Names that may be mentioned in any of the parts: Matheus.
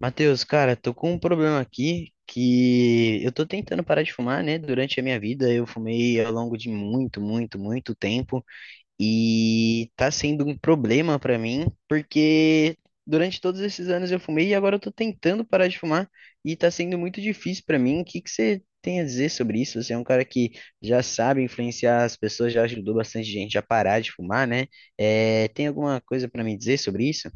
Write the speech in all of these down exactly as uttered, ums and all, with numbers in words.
Matheus, cara, tô com um problema aqui que eu tô tentando parar de fumar, né? Durante a minha vida eu fumei ao longo de muito, muito, muito tempo e tá sendo um problema pra mim porque durante todos esses anos eu fumei e agora eu tô tentando parar de fumar e tá sendo muito difícil pra mim. O que que você tem a dizer sobre isso? Você é um cara que já sabe influenciar as pessoas, já ajudou bastante gente a parar de fumar, né? É, tem alguma coisa pra me dizer sobre isso?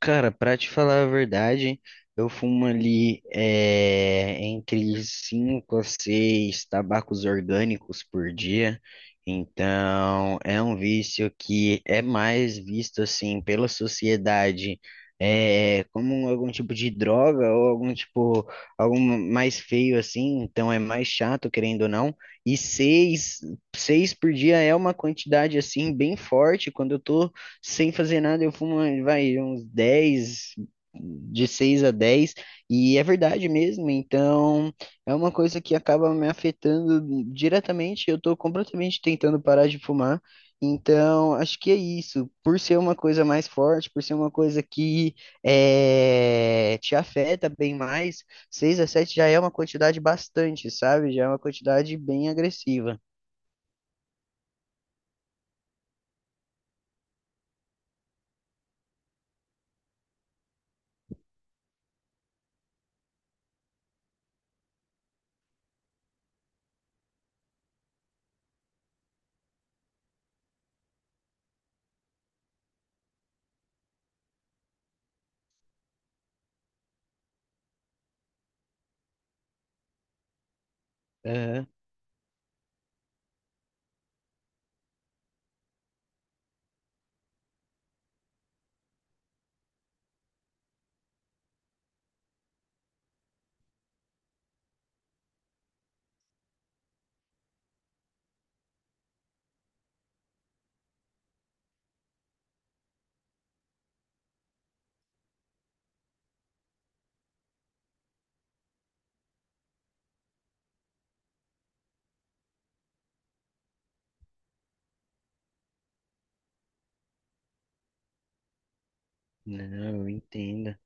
Cara, pra te falar a verdade, eu fumo ali eh, entre cinco a seis tabacos orgânicos por dia. Então, é um vício que é mais visto assim pela sociedade eh, como algum tipo de droga ou algum tipo, algum mais feio assim. Então, é mais chato, querendo ou não. E seis, seis por dia é uma quantidade assim bem forte quando eu tô sem fazer nada, eu fumo, vai, uns dez, de seis a dez, e é verdade mesmo, então é uma coisa que acaba me afetando diretamente, eu tô completamente tentando parar de fumar, então acho que é isso, por ser uma coisa mais forte, por ser uma coisa que é, te afeta bem mais, seis a sete já é uma quantidade bastante, sabe? Já é uma quantidade bem agressiva. Aham. Não, entenda.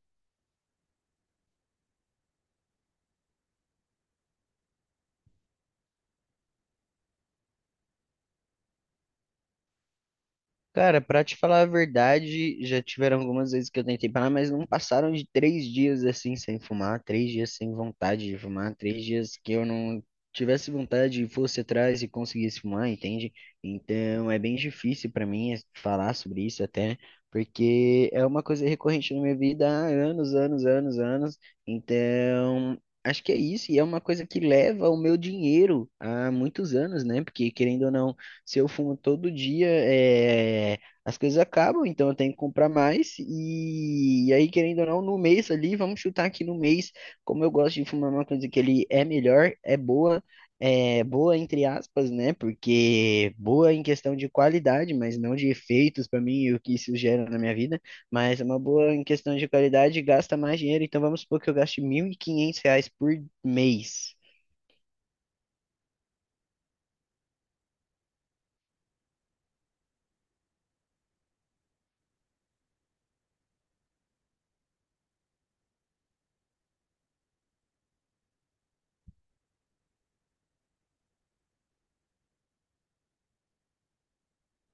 Cara, pra te falar a verdade, já tiveram algumas vezes que eu tentei parar, mas não passaram de três dias assim sem fumar, três dias sem vontade de fumar, três dias que eu não tivesse vontade e fosse atrás e conseguisse fumar, entende? Então é bem difícil pra mim falar sobre isso até, porque é uma coisa recorrente na minha vida há anos, anos, anos, anos. Então acho que é isso, e é uma coisa que leva o meu dinheiro há muitos anos, né? Porque querendo ou não. Se eu fumo todo dia, é, as coisas acabam, então eu tenho que comprar mais. E, e aí, querendo ou não, no mês ali, vamos chutar aqui no mês, como eu gosto de fumar uma coisa que ele é melhor, é boa, é boa entre aspas, né? Porque boa em questão de qualidade, mas não de efeitos para mim e o que isso gera na minha vida. Mas é uma boa em questão de qualidade, gasta mais dinheiro. Então vamos supor que eu gaste mil e quinhentos reais por mês.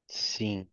Sim.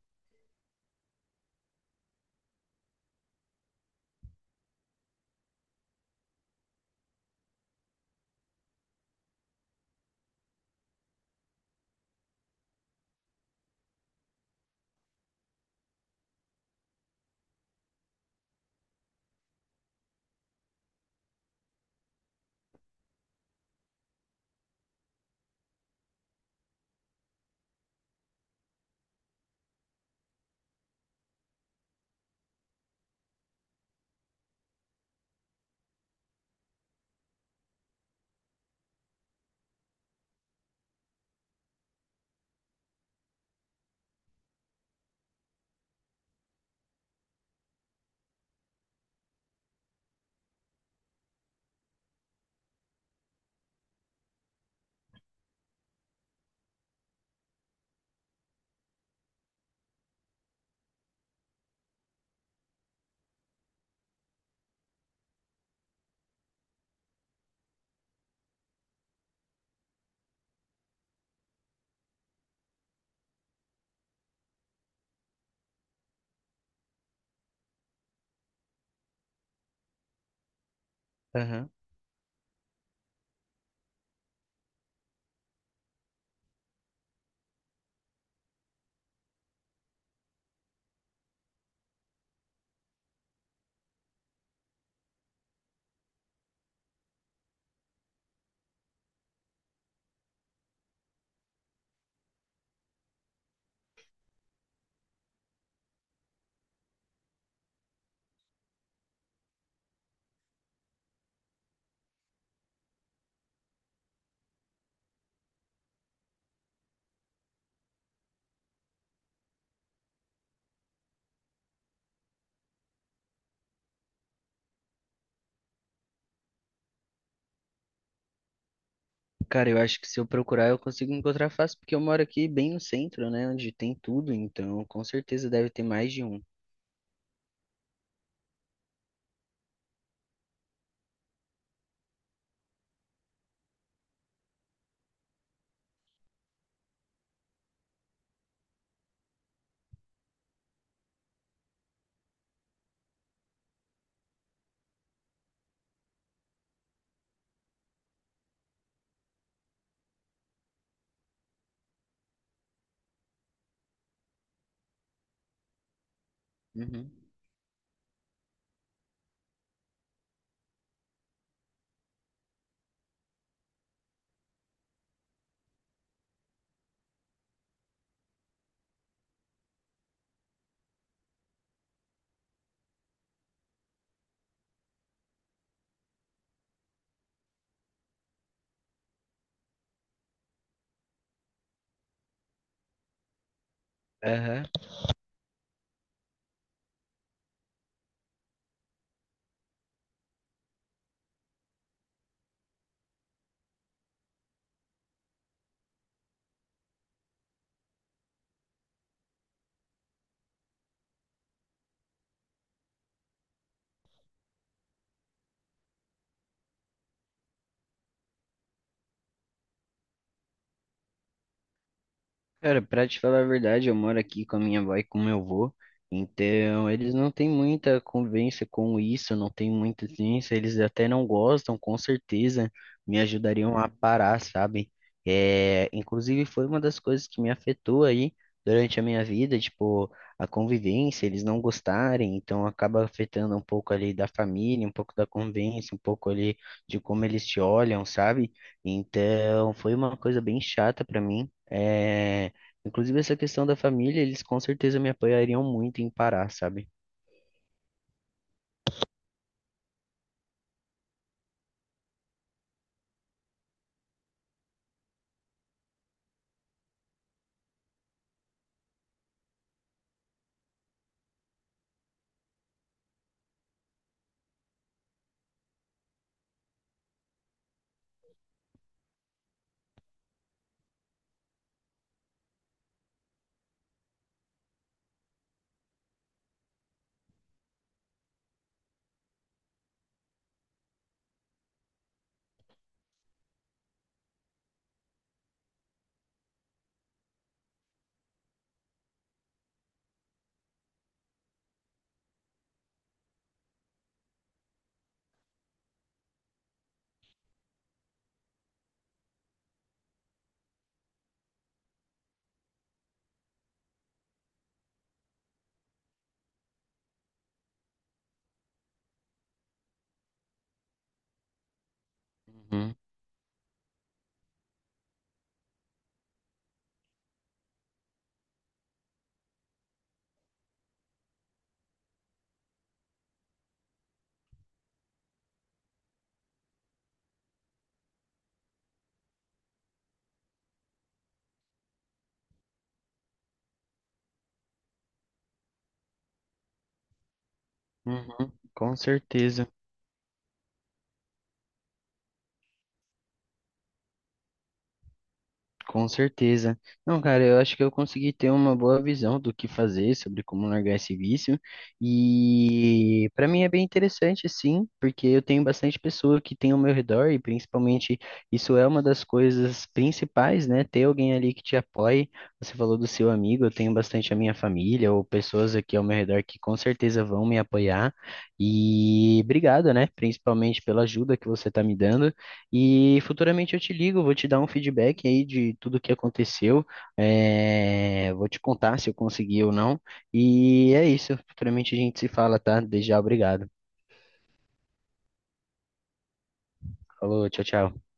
Cara, eu acho que se eu procurar eu consigo encontrar fácil, porque eu moro aqui bem no centro, né? Onde tem tudo, então com certeza deve ter mais de um. Uhum. Aham. Cara, pra te falar a verdade, eu moro aqui com a minha avó e com meu avô, então eles não têm muita convivência com isso, não tem muita ciência, eles até não gostam, com certeza me ajudariam a parar, sabe? É, inclusive foi uma das coisas que me afetou aí durante a minha vida, tipo, a convivência, eles não gostarem, então acaba afetando um pouco ali da família, um pouco da convivência, um pouco ali de como eles te olham, sabe? Então foi uma coisa bem chata pra mim. É, inclusive, essa questão da família, eles com certeza me apoiariam muito em parar, sabe? Uhum, uhum, com certeza. Com certeza. Não, cara, eu acho que eu consegui ter uma boa visão do que fazer sobre como largar esse vício. E para mim é bem interessante, sim, porque eu tenho bastante pessoa que tem ao meu redor e principalmente isso é uma das coisas principais, né? Ter alguém ali que te apoie. Você falou do seu amigo, eu tenho bastante a minha família ou pessoas aqui ao meu redor que com certeza vão me apoiar. E obrigado, né? Principalmente pela ajuda que você está me dando. E futuramente eu te ligo, vou te dar um feedback aí de tudo que aconteceu, eh, vou te contar se eu consegui ou não. E é isso, futuramente a gente se fala, tá? Desde já, obrigado. Falou, tchau, tchau.